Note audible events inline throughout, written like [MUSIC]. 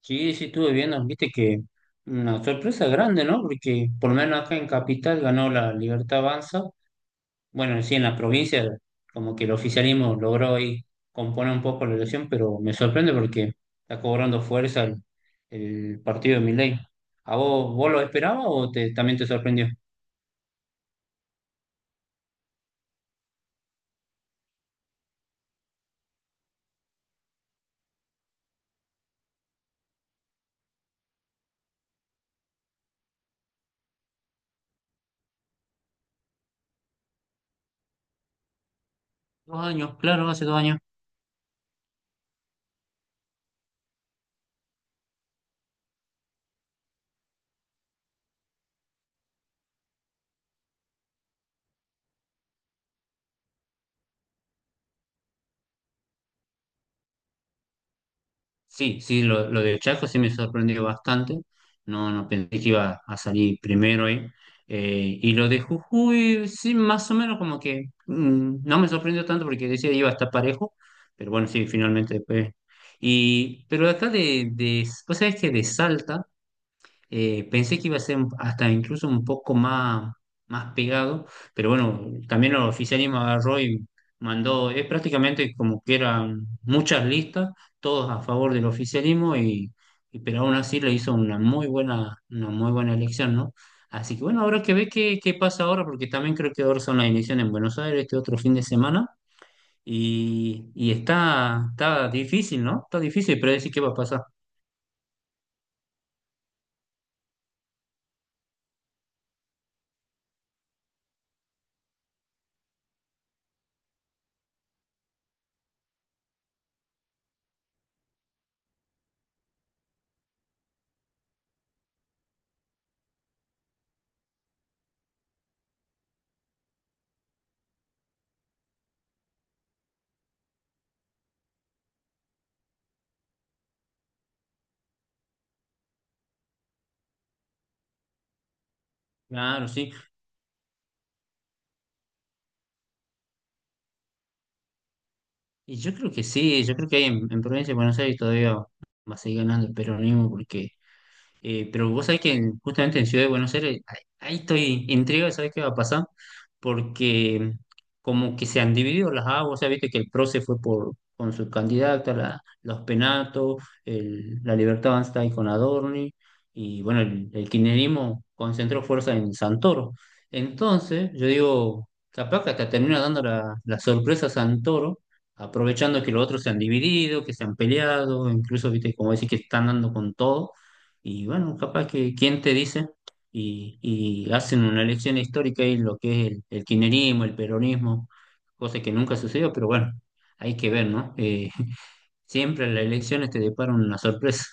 Sí, sí, estuve viendo, viste que una sorpresa grande, ¿no? Porque por lo menos acá en Capital ganó la Libertad Avanza. Bueno, sí, en la provincia como que el oficialismo logró ahí componer un poco la elección, pero me sorprende porque está cobrando fuerza el partido de Milei. ¿A vos, vos lo esperabas o también te sorprendió? Dos años, claro, hace dos años. Sí, sí, lo de Chaco sí me sorprendió bastante. No pensé que iba a salir primero ahí. Y lo de Jujuy, sí, más o menos no me sorprendió tanto porque decía iba a estar parejo, pero bueno, sí, finalmente después. Y, pero acá vos sabés que de Salta. Pensé que iba a ser hasta incluso un poco más, más pegado, pero bueno, también el oficialismo agarró y mandó, es prácticamente como que eran muchas listas, todos a favor del oficialismo, pero aún así le hizo una muy buena elección, ¿no? Así que bueno, habrá que ver qué pasa ahora, porque también creo que ahora son las elecciones en Buenos Aires este otro fin de semana, y está difícil, ¿no? Está difícil predecir qué va a pasar. Claro, sí. Y yo creo que sí, yo creo que ahí en Provincia de Buenos Aires todavía va a seguir ganando el peronismo porque pero vos sabés que justamente en Ciudad de Buenos Aires, ahí, ahí estoy intrigado, ¿sabés qué va a pasar? Porque como que se han dividido las aguas, ¿sabés? Viste que el PRO se fue con su candidata, los Penatos, la Libertad Avanza ahí con Adorni, y bueno, el kirchnerismo concentró fuerza en Santoro. Entonces, yo digo, capaz que hasta termina dando la sorpresa a Santoro, aprovechando que los otros se han dividido, que se han peleado, incluso, ¿viste? Como decir que están dando con todo y bueno, capaz que quién te dice y hacen una elección histórica y lo que es el kirchnerismo, el peronismo, cosa que nunca sucedió, pero bueno, hay que ver, ¿no? [LAUGHS] Siempre las elecciones te deparan una sorpresa.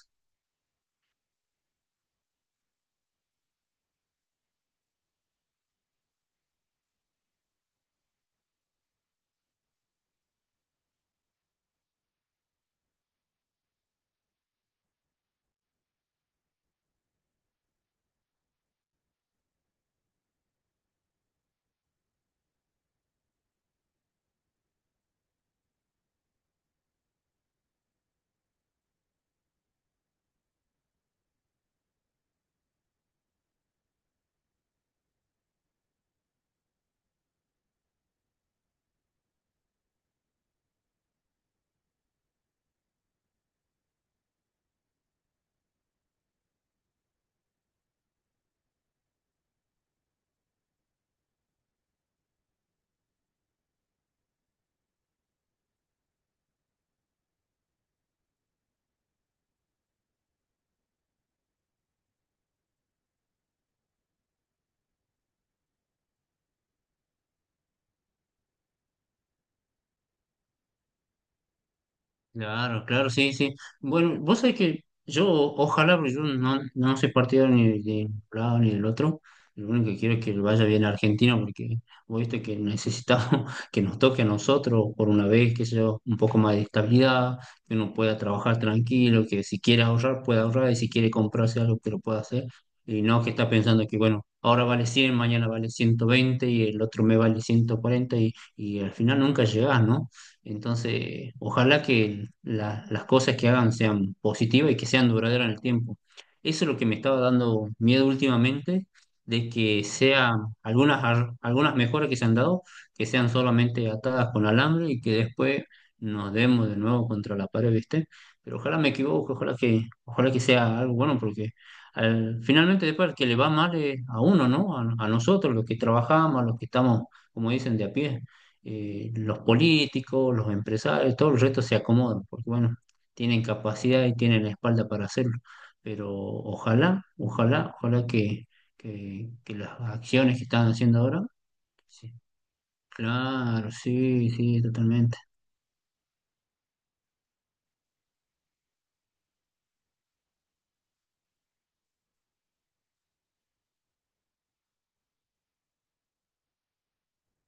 Claro, claro, sí, sí. Bueno, vos sabés que yo, ojalá, porque yo no, no soy partidario ni de un lado ni del otro. Lo único que quiero es que le vaya bien a Argentina, porque vos viste que necesitamos [LAUGHS] que nos toque a nosotros por una vez, que sea un poco más de estabilidad, que uno pueda trabajar tranquilo, que si quiere ahorrar, pueda ahorrar, y si quiere comprarse algo, que lo pueda hacer. Y no que está pensando que, bueno, ahora vale cien, mañana vale 120 y el otro me vale 140 y al final nunca llegás, ¿no? Entonces, ojalá que las cosas que hagan sean positivas y que sean duraderas en el tiempo. Eso es lo que me estaba dando miedo últimamente, de que sea algunas mejoras que se han dado, que sean solamente atadas con alambre y que después nos demos de nuevo contra la pared, ¿viste? Pero ojalá me equivoque, ojalá que sea algo bueno, porque finalmente después al que le va mal es a uno, ¿no? A nosotros, los que trabajamos, a los que estamos, como dicen, de a pie los políticos, los empresarios, todo el resto se acomodan, porque bueno, tienen capacidad y tienen la espalda para hacerlo. Pero ojalá, ojalá, ojalá que las acciones que están haciendo ahora, sí, claro, sí, sí, totalmente.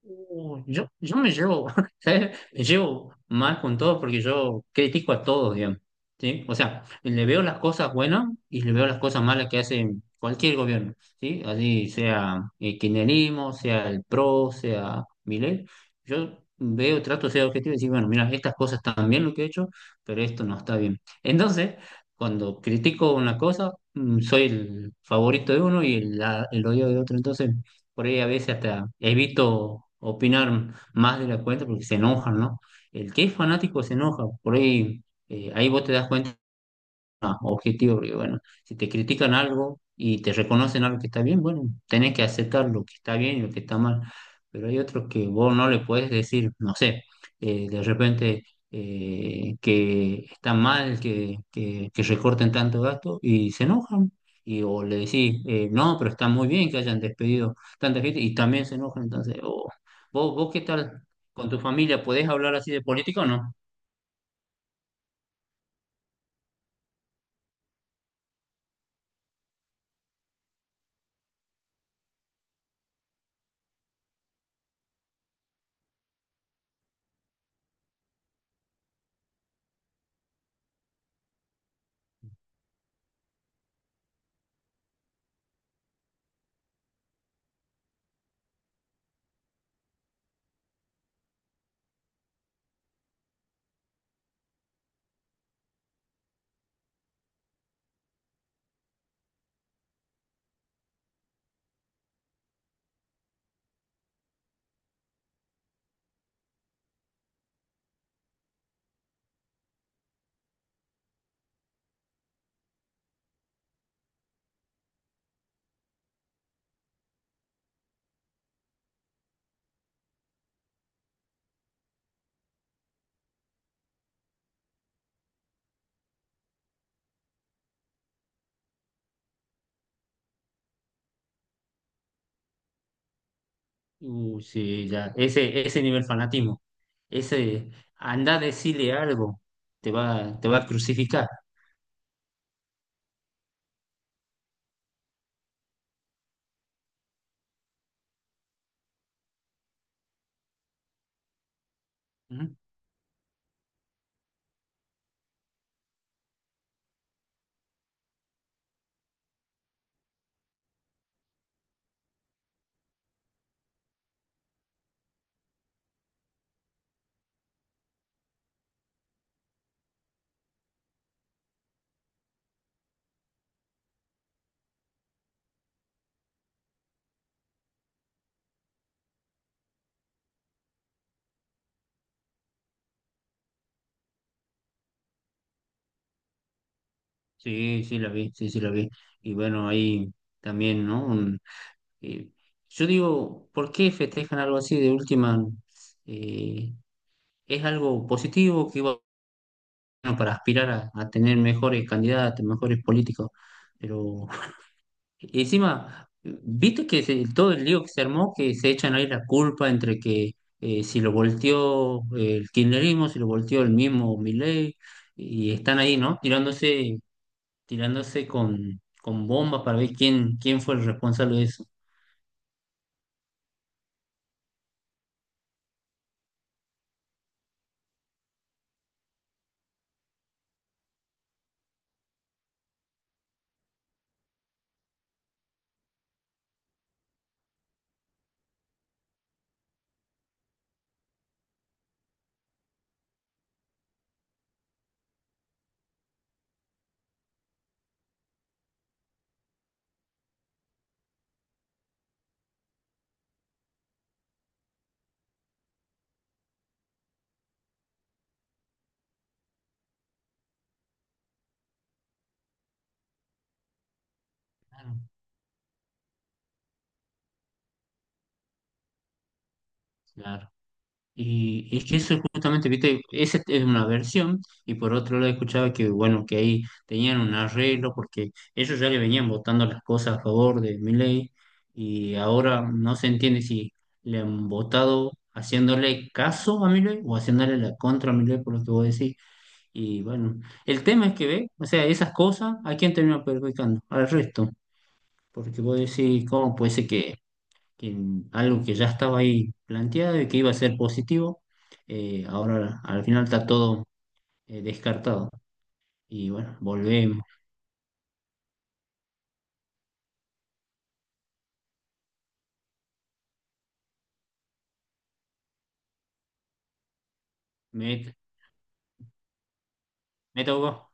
Yo, yo me llevo, [LAUGHS] ¿sabes? Me llevo mal con todos porque yo critico a todos, digamos, ¿sí? O sea, le veo las cosas buenas y le veo las cosas malas que hace cualquier gobierno, ¿sí? Así sea el kirchnerismo, sea el PRO, sea Milei, yo veo, trato de ser objetivo y decir, bueno, mira, estas cosas están bien lo que he hecho, pero esto no está bien. Entonces, cuando critico una cosa, soy el favorito de uno y el odio de otro, entonces por ahí a veces hasta he visto opinar más de la cuenta porque se enojan, ¿no? El que es fanático se enoja, por ahí, ahí vos te das cuenta. Ah, objetivo, porque bueno, si te critican algo y te reconocen algo que está bien, bueno, tenés que aceptar lo que está bien y lo que está mal, pero hay otros que vos no le puedes decir, no sé, de repente que está mal que recorten tanto gasto y se enojan. Y, o le decís, no, pero está muy bien que hayan despedido tanta gente y también se enojan. Entonces, oh, ¿vos, vos qué tal con tu familia? ¿Podés hablar así de política o no? Sí, ya. Ese nivel fanatismo. Ese, anda a decirle algo. Te va a crucificar. ¿Mm? Sí, sí, la vi, sí, sí, la vi. Y bueno, ahí también, ¿no? Eh, yo digo, ¿por qué festejan algo así de última? Eh, es algo positivo que, bueno, para aspirar a tener mejores candidatos, mejores políticos. Pero y encima, viste que todo el lío que se armó, que se echan ahí la culpa entre que si lo volteó el kirchnerismo, si lo volteó el mismo Milei, y están ahí, ¿no? Tirándose, tirándose con bombas para ver quién, quién fue el responsable de eso. Claro, claro. Y es que eso es justamente, viste, esa es una versión, y por otro lado escuchaba que, bueno, que ahí tenían un arreglo, porque ellos ya le venían votando las cosas a favor de Milei, y ahora no se entiende si le han votado haciéndole caso a Milei o haciéndole la contra a Milei, por lo que vos decís. Y bueno, el tema es que ve, o sea, esas cosas, ¿a quién termina perjudicando? Al resto, porque vos decís, ¿cómo puede ser que algo que ya estaba ahí planteado y que iba a ser positivo, ahora al final está todo descartado. Y bueno, volvemos. Met- meta Hugo.